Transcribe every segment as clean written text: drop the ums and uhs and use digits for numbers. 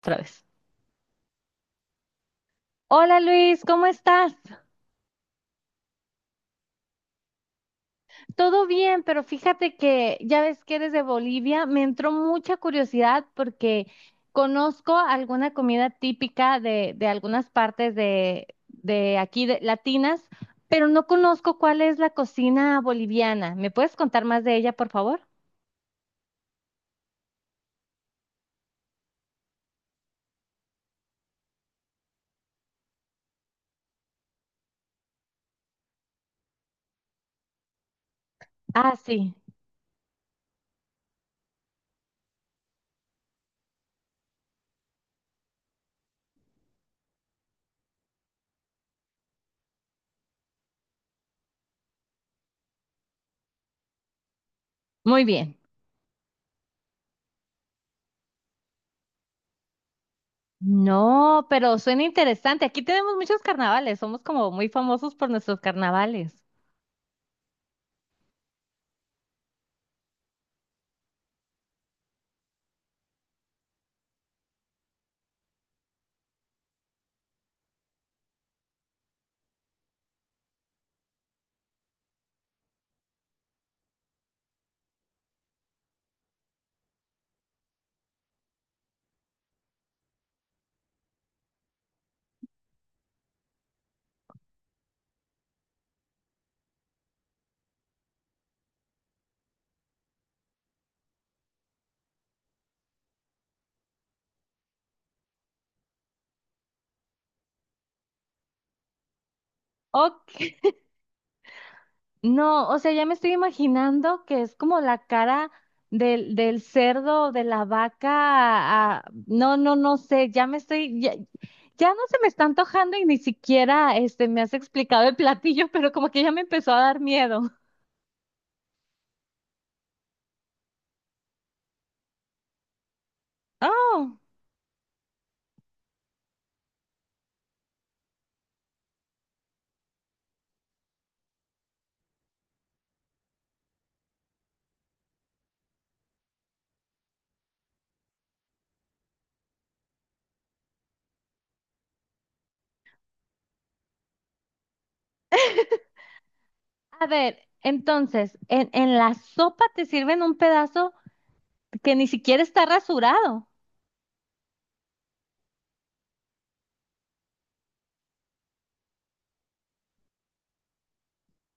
Otra vez. Hola Luis, ¿cómo estás? Todo bien, pero fíjate que ya ves que eres de Bolivia, me entró mucha curiosidad porque conozco alguna comida típica de algunas partes de aquí de, latinas, pero no conozco cuál es la cocina boliviana. ¿Me puedes contar más de ella, por favor? Ah, sí, muy bien. No, pero suena interesante. Aquí tenemos muchos carnavales, somos como muy famosos por nuestros carnavales. Ok. No, o sea, ya me estoy imaginando que es como la cara del cerdo, de la vaca. Ah, no, no, no sé, ya no se me está antojando y ni siquiera me has explicado el platillo, pero como que ya me empezó a dar miedo. Oh. A ver, entonces, en la sopa te sirven un pedazo que ni siquiera está rasurado.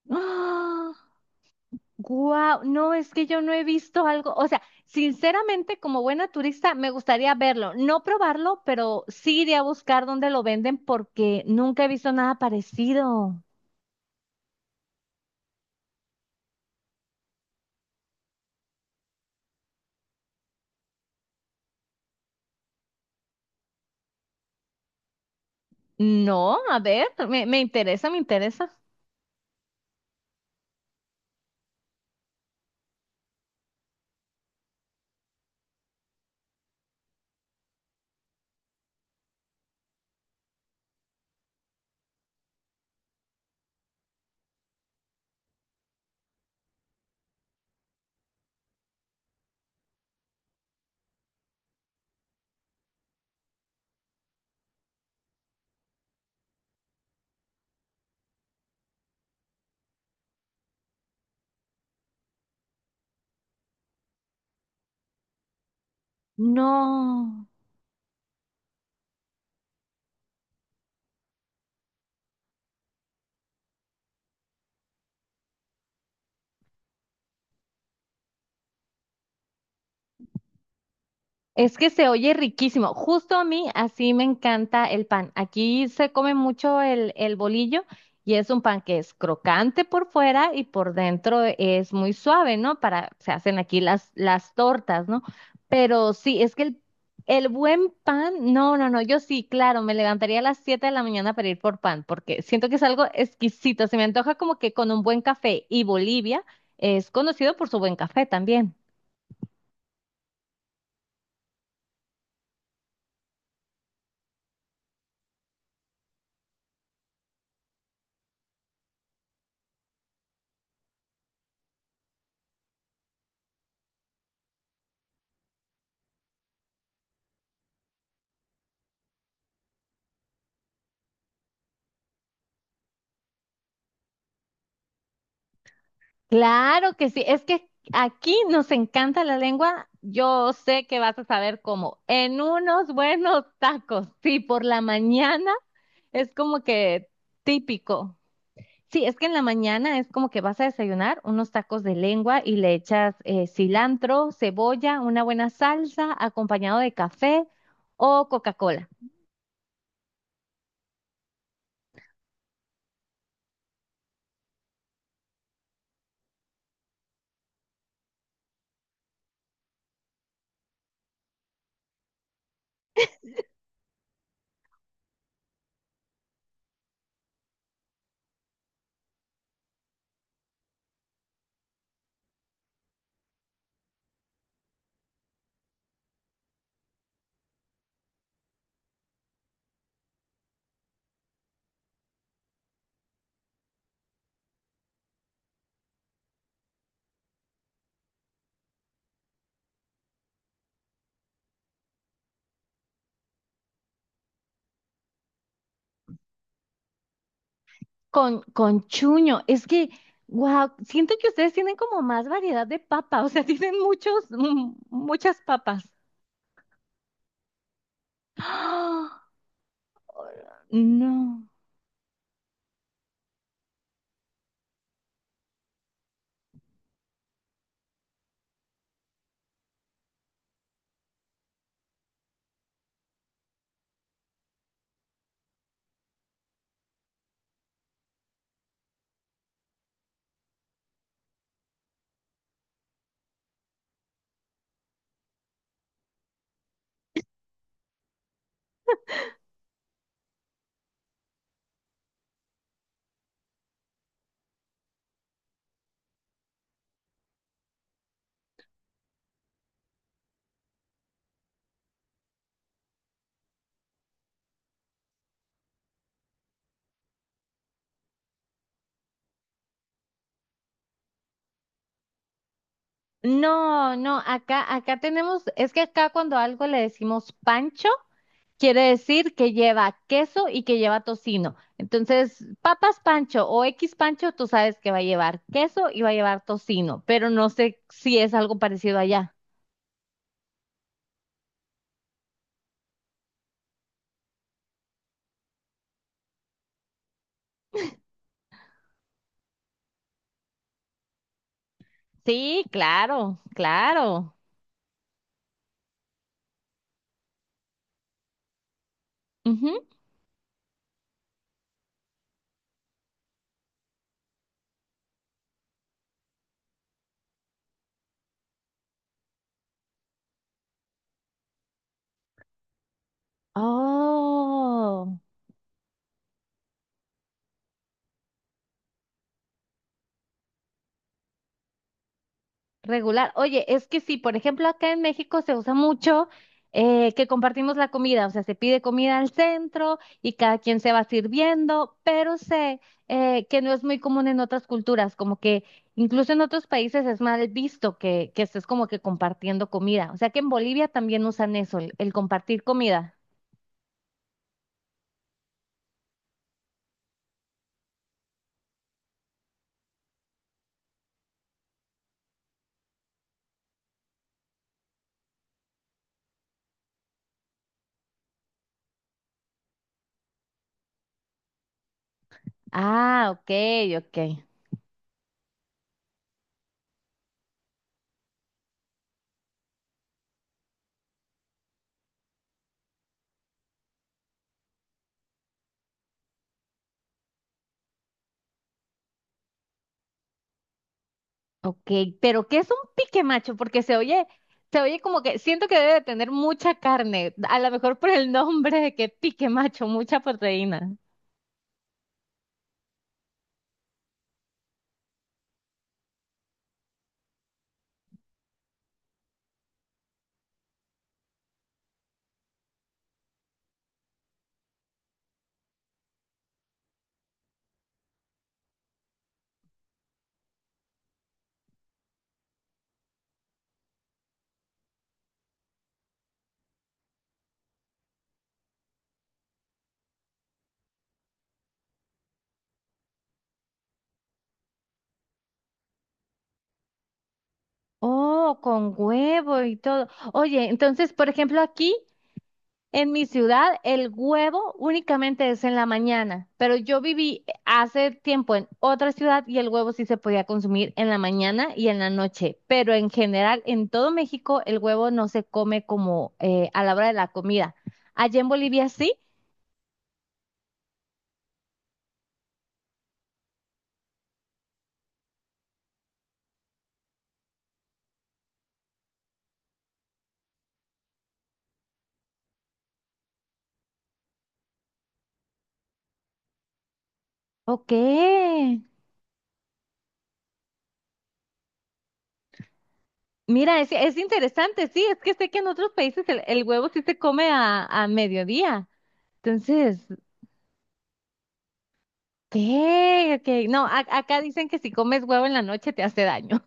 ¡Ah! Guau, no, es que yo no he visto algo, o sea, sinceramente, como buena turista, me gustaría verlo, no probarlo, pero sí iré a buscar dónde lo venden porque nunca he visto nada parecido. No, a ver, me interesa, me interesa. No. Es que se oye riquísimo. Justo a mí así me encanta el pan. Aquí se come mucho el bolillo y es un pan que es crocante por fuera y por dentro es muy suave, ¿no? Para, se hacen aquí las tortas, ¿no? Pero sí, es que el buen pan, no, no, no, yo sí, claro, me levantaría a las 7 de la mañana para ir por pan porque siento que es algo exquisito. Se me antoja como que con un buen café y Bolivia es conocido por su buen café también. Claro que sí, es que aquí nos encanta la lengua. Yo sé que vas a saber cómo. En unos buenos tacos, sí, por la mañana es como que típico. Sí, es que en la mañana es como que vas a desayunar unos tacos de lengua y le echas cilantro, cebolla, una buena salsa, acompañado de café o Coca-Cola. Con chuño, es que, wow, siento que ustedes tienen como más variedad de papa, o sea, tienen muchos, muchas papas. ¡Ah! No, no, no, acá tenemos, es que acá cuando algo le decimos pancho, quiere decir que lleva queso y que lleva tocino. Entonces, papas pancho o X pancho, tú sabes que va a llevar queso y va a llevar tocino, pero no sé si es algo parecido allá. Sí, claro, claro. Oh, regular. Oye, es que sí, por ejemplo, acá en México se usa mucho que compartimos la comida, o sea, se pide comida al centro y cada quien se va sirviendo, pero sé que no es muy común en otras culturas, como que incluso en otros países es mal visto que estés como que compartiendo comida. O sea, que en Bolivia también usan eso, el compartir comida. Ah, ok, ok. Ok, pero ¿qué es un pique macho? Porque se oye como que siento que debe de tener mucha carne, a lo mejor por el nombre de que pique macho, mucha proteína. Oh, con huevo y todo. Oye, entonces, por ejemplo, aquí en mi ciudad, el huevo únicamente es en la mañana, pero yo viví hace tiempo en otra ciudad y el huevo sí se podía consumir en la mañana y en la noche, pero en general, en todo México, el huevo no se come como a la hora de la comida. Allá en Bolivia sí. Ok. Mira, es interesante, sí, es que sé que en otros países el huevo sí se come a mediodía. Entonces, ¿qué? Ok, no, acá dicen que si comes huevo en la noche te hace daño.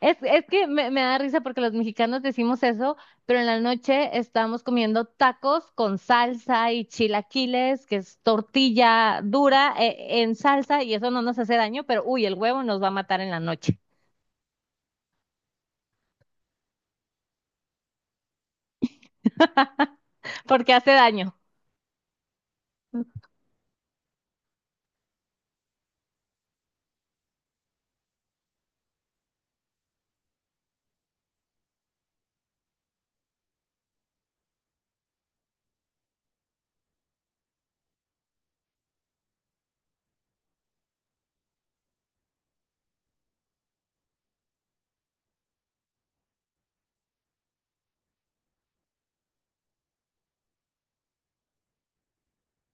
Es que me da risa porque los mexicanos decimos eso, pero en la noche estamos comiendo tacos con salsa y chilaquiles, que es tortilla dura en salsa y eso no nos hace daño, pero uy, el huevo nos va a matar en la noche porque hace daño.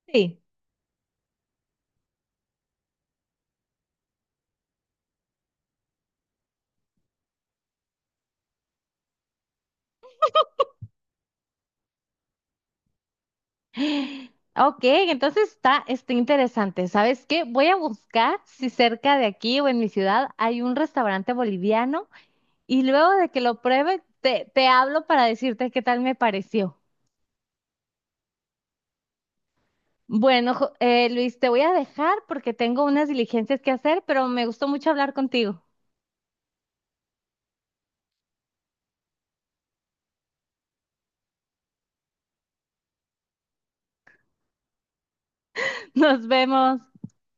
Sí. Ok, entonces está interesante. ¿Sabes qué? Voy a buscar si cerca de aquí o en mi ciudad hay un restaurante boliviano y luego de que lo pruebe, te hablo para decirte qué tal me pareció. Bueno, Luis, te voy a dejar porque tengo unas diligencias que hacer, pero me gustó mucho hablar contigo. Nos vemos.